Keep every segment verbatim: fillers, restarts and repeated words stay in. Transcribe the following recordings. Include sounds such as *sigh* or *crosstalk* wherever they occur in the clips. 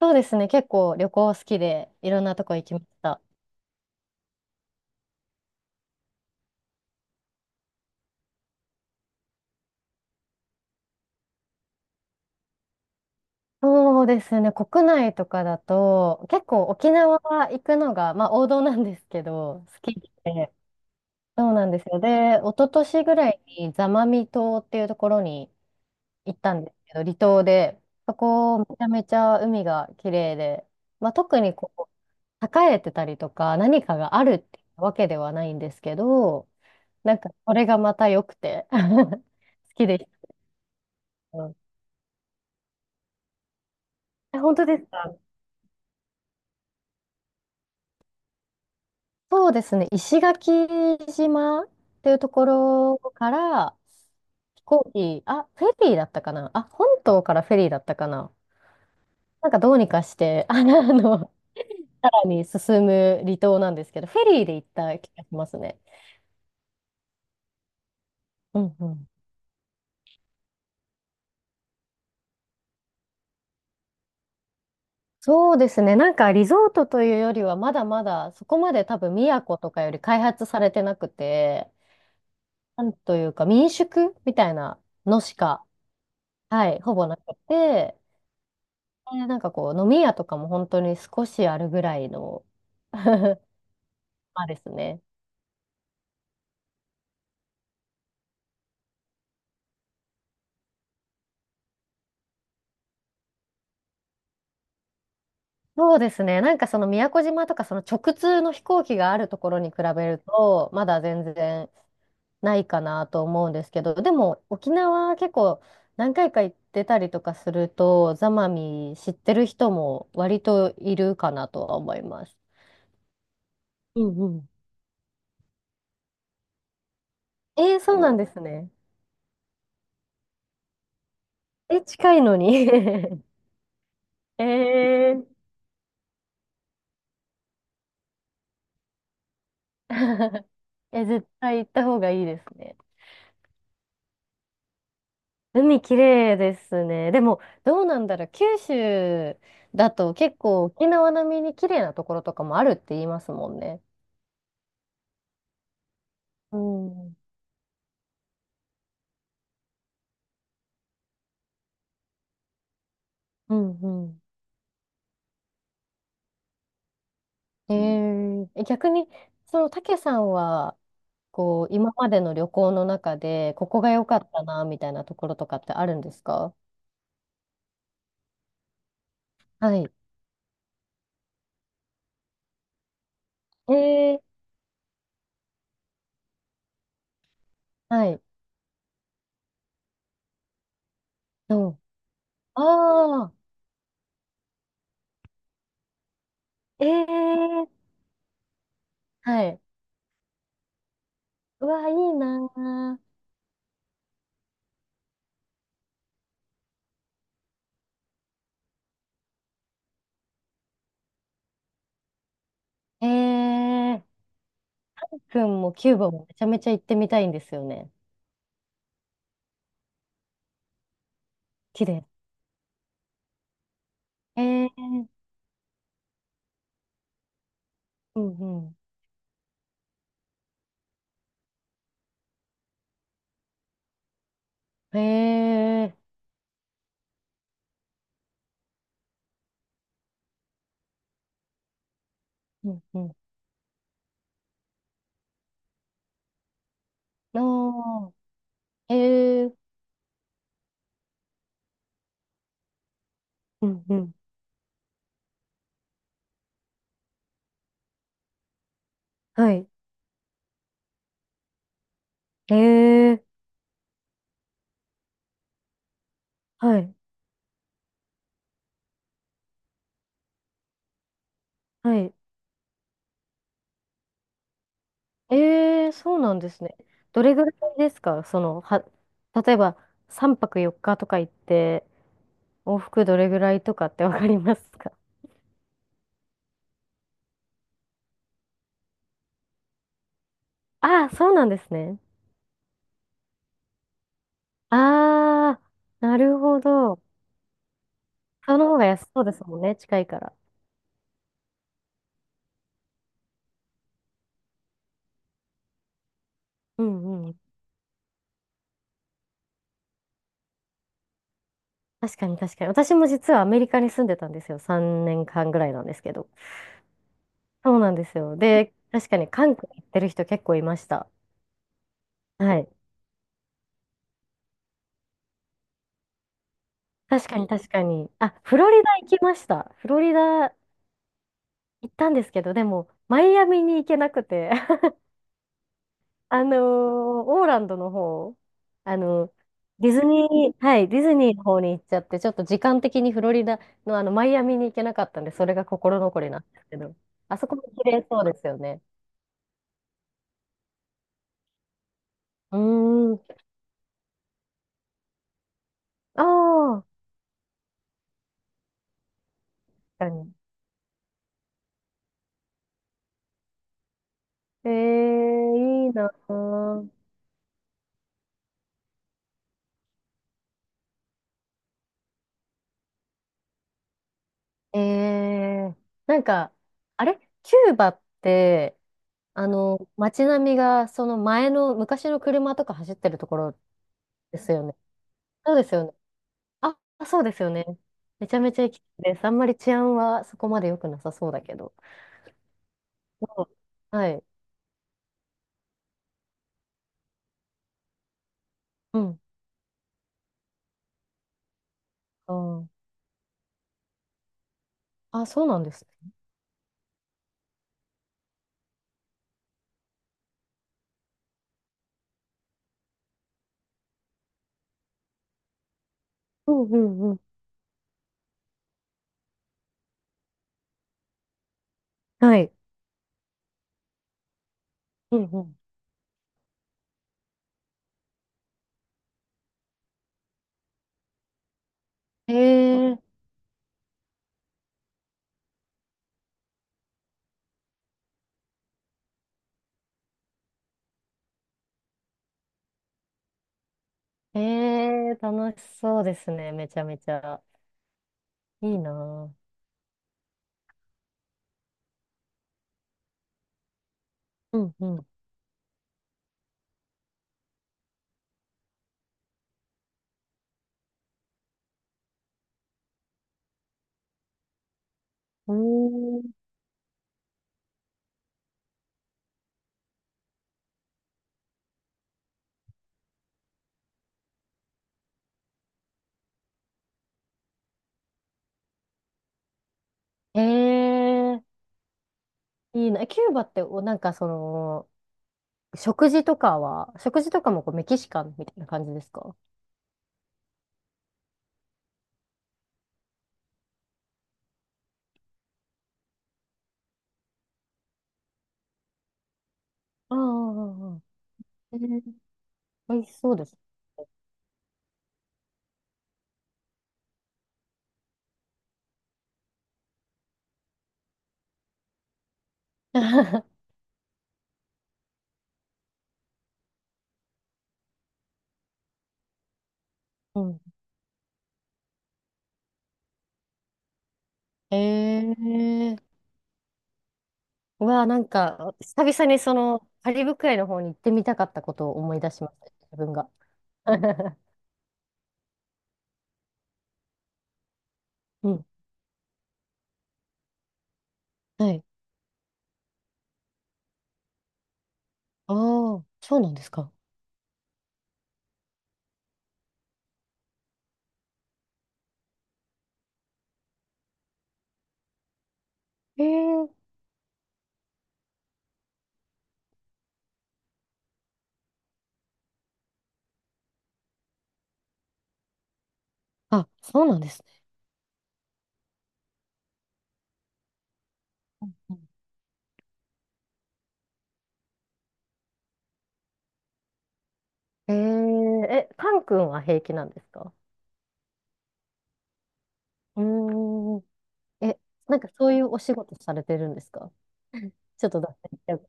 そうですね。結構旅行好きでいろんなとこ行きました。そうですね。国内とかだと結構沖縄行くのが、まあ、王道なんですけど好きで。そうなんですよ。で、一昨年ぐらいに座間味島っていうところに行ったんですけど、離島で、そこめちゃめちゃ海が綺麗で、まあ、特にこう栄えてたりとか何かがあるってわけではないんですけど、なんかそれがまた良くて *laughs* 好きでした。え、本当ですか？そうですね、石垣島っていうところから飛行機、あ、フェリーだったかなあ、本島からフェリーだったかな、なんかどうにかして、あの、あのさらに進む離島なんですけど、フェリーで行った気がしますね。うんうん。そうですね、なんかリゾートというよりは、まだまだそこまで多分宮古とかより開発されてなくて、なんというか民宿みたいなのしか、はい、ほぼなくて、ね、なんかこう、飲み屋とかも本当に少しあるぐらいの *laughs* まあですね。そうですね。なんかその宮古島とかその直通の飛行機があるところに比べると、まだ全然ないかなと思うんですけど、でも沖縄結構何回か行ってたりとかすると、ザマミ知ってる人も割といるかなとは思います。うんうん。えー、そうなんですね。え、近いのに。 *laughs* えー。 *laughs* え、絶対行った方がいいですね。海綺麗ですね。でも、どうなんだろう。九州だと結構沖縄並みに綺麗なところとかもあるって言いますもんね。うん。うんうん。うん、えー、逆に、その、たけさんは、こう、今までの旅行の中で、ここが良かったな、みたいなところとかってあるんですか？はい。えー、はい。うん。ああ、えー、はい。うわ、いいなー。えー、くんもキューバもめちゃめちゃ行ってみたいんですよね。綺麗。えー、うんうん。えー、うんうん。あー、えー、うんうん。はい。えー、はい、はい。えー、そうなんですね。どれぐらいですか、その、は、例えばさんぱくよっかとか行って、往復どれぐらいとかってわかりますか？ああー、そうなんですね。ああ、なるほど。その方が安そうですもんね、近いから。うんうん。確かに確かに。私も実はアメリカに住んでたんですよ。さんねんかんぐらいなんですけど。そうなんですよ。で、確かに韓国行ってる人結構いました。はい。確かに確かに。あ、フロリダ行きました。フロリダ行ったんですけど、でも、マイアミに行けなくて、*laughs* あのーオーランドの方、あの、ディズニー、はい、ディズニーの方に行っちゃって、ちょっと時間的にフロリダのあの、マイアミに行けなかったんで、それが心残りなんですけど、あそこも綺麗そうですよね。うーん。ああ、確かに。ええ、いいなぁ。ええ、なんか、あれキューバって、あの、街並みが、その前の、昔の車とか走ってるところですよね。そうですよね。あ、そうですよね。めちゃめちゃ行きたいです。あんまり治安はそこまで良くなさそうだけど。うん、はい。うん。あー、あ、そうなんですね。うんうんうん。はい。うんうん。ええ、ええ、楽しそうですね。めちゃめちゃ。いいなぁ。うんうん。うーん。ええ、いいな。え、キューバってお、なんかその、食事とかは、食事とかもこうメキシカンみたいな感じですか？ああ、ああ、ええー、美味しそうです。*laughs* うん。*laughs* ええー、うわあ、なんか、久々にその、カリブ海の方に行ってみたかったことを思い出しました、自分が。*laughs* うん。*laughs* はい。ああ、そうなんですか。ええー、あ、そうなんですね。えー、え、カン君は平気なんですか？うーん。え、なんかそういうお仕事されてるんですか？ちょっとだけ。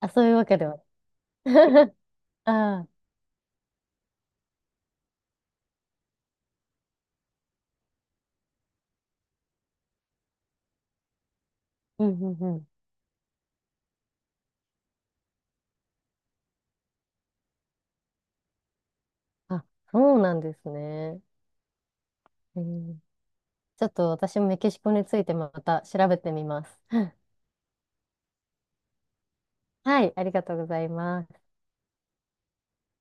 あ、そういうわけではない。*laughs* ああ、うんうんうん。あ、そうなんですね。うん、ちょっと私もメキシコについてまた調べてみます。*laughs* はい、ありがとうございます。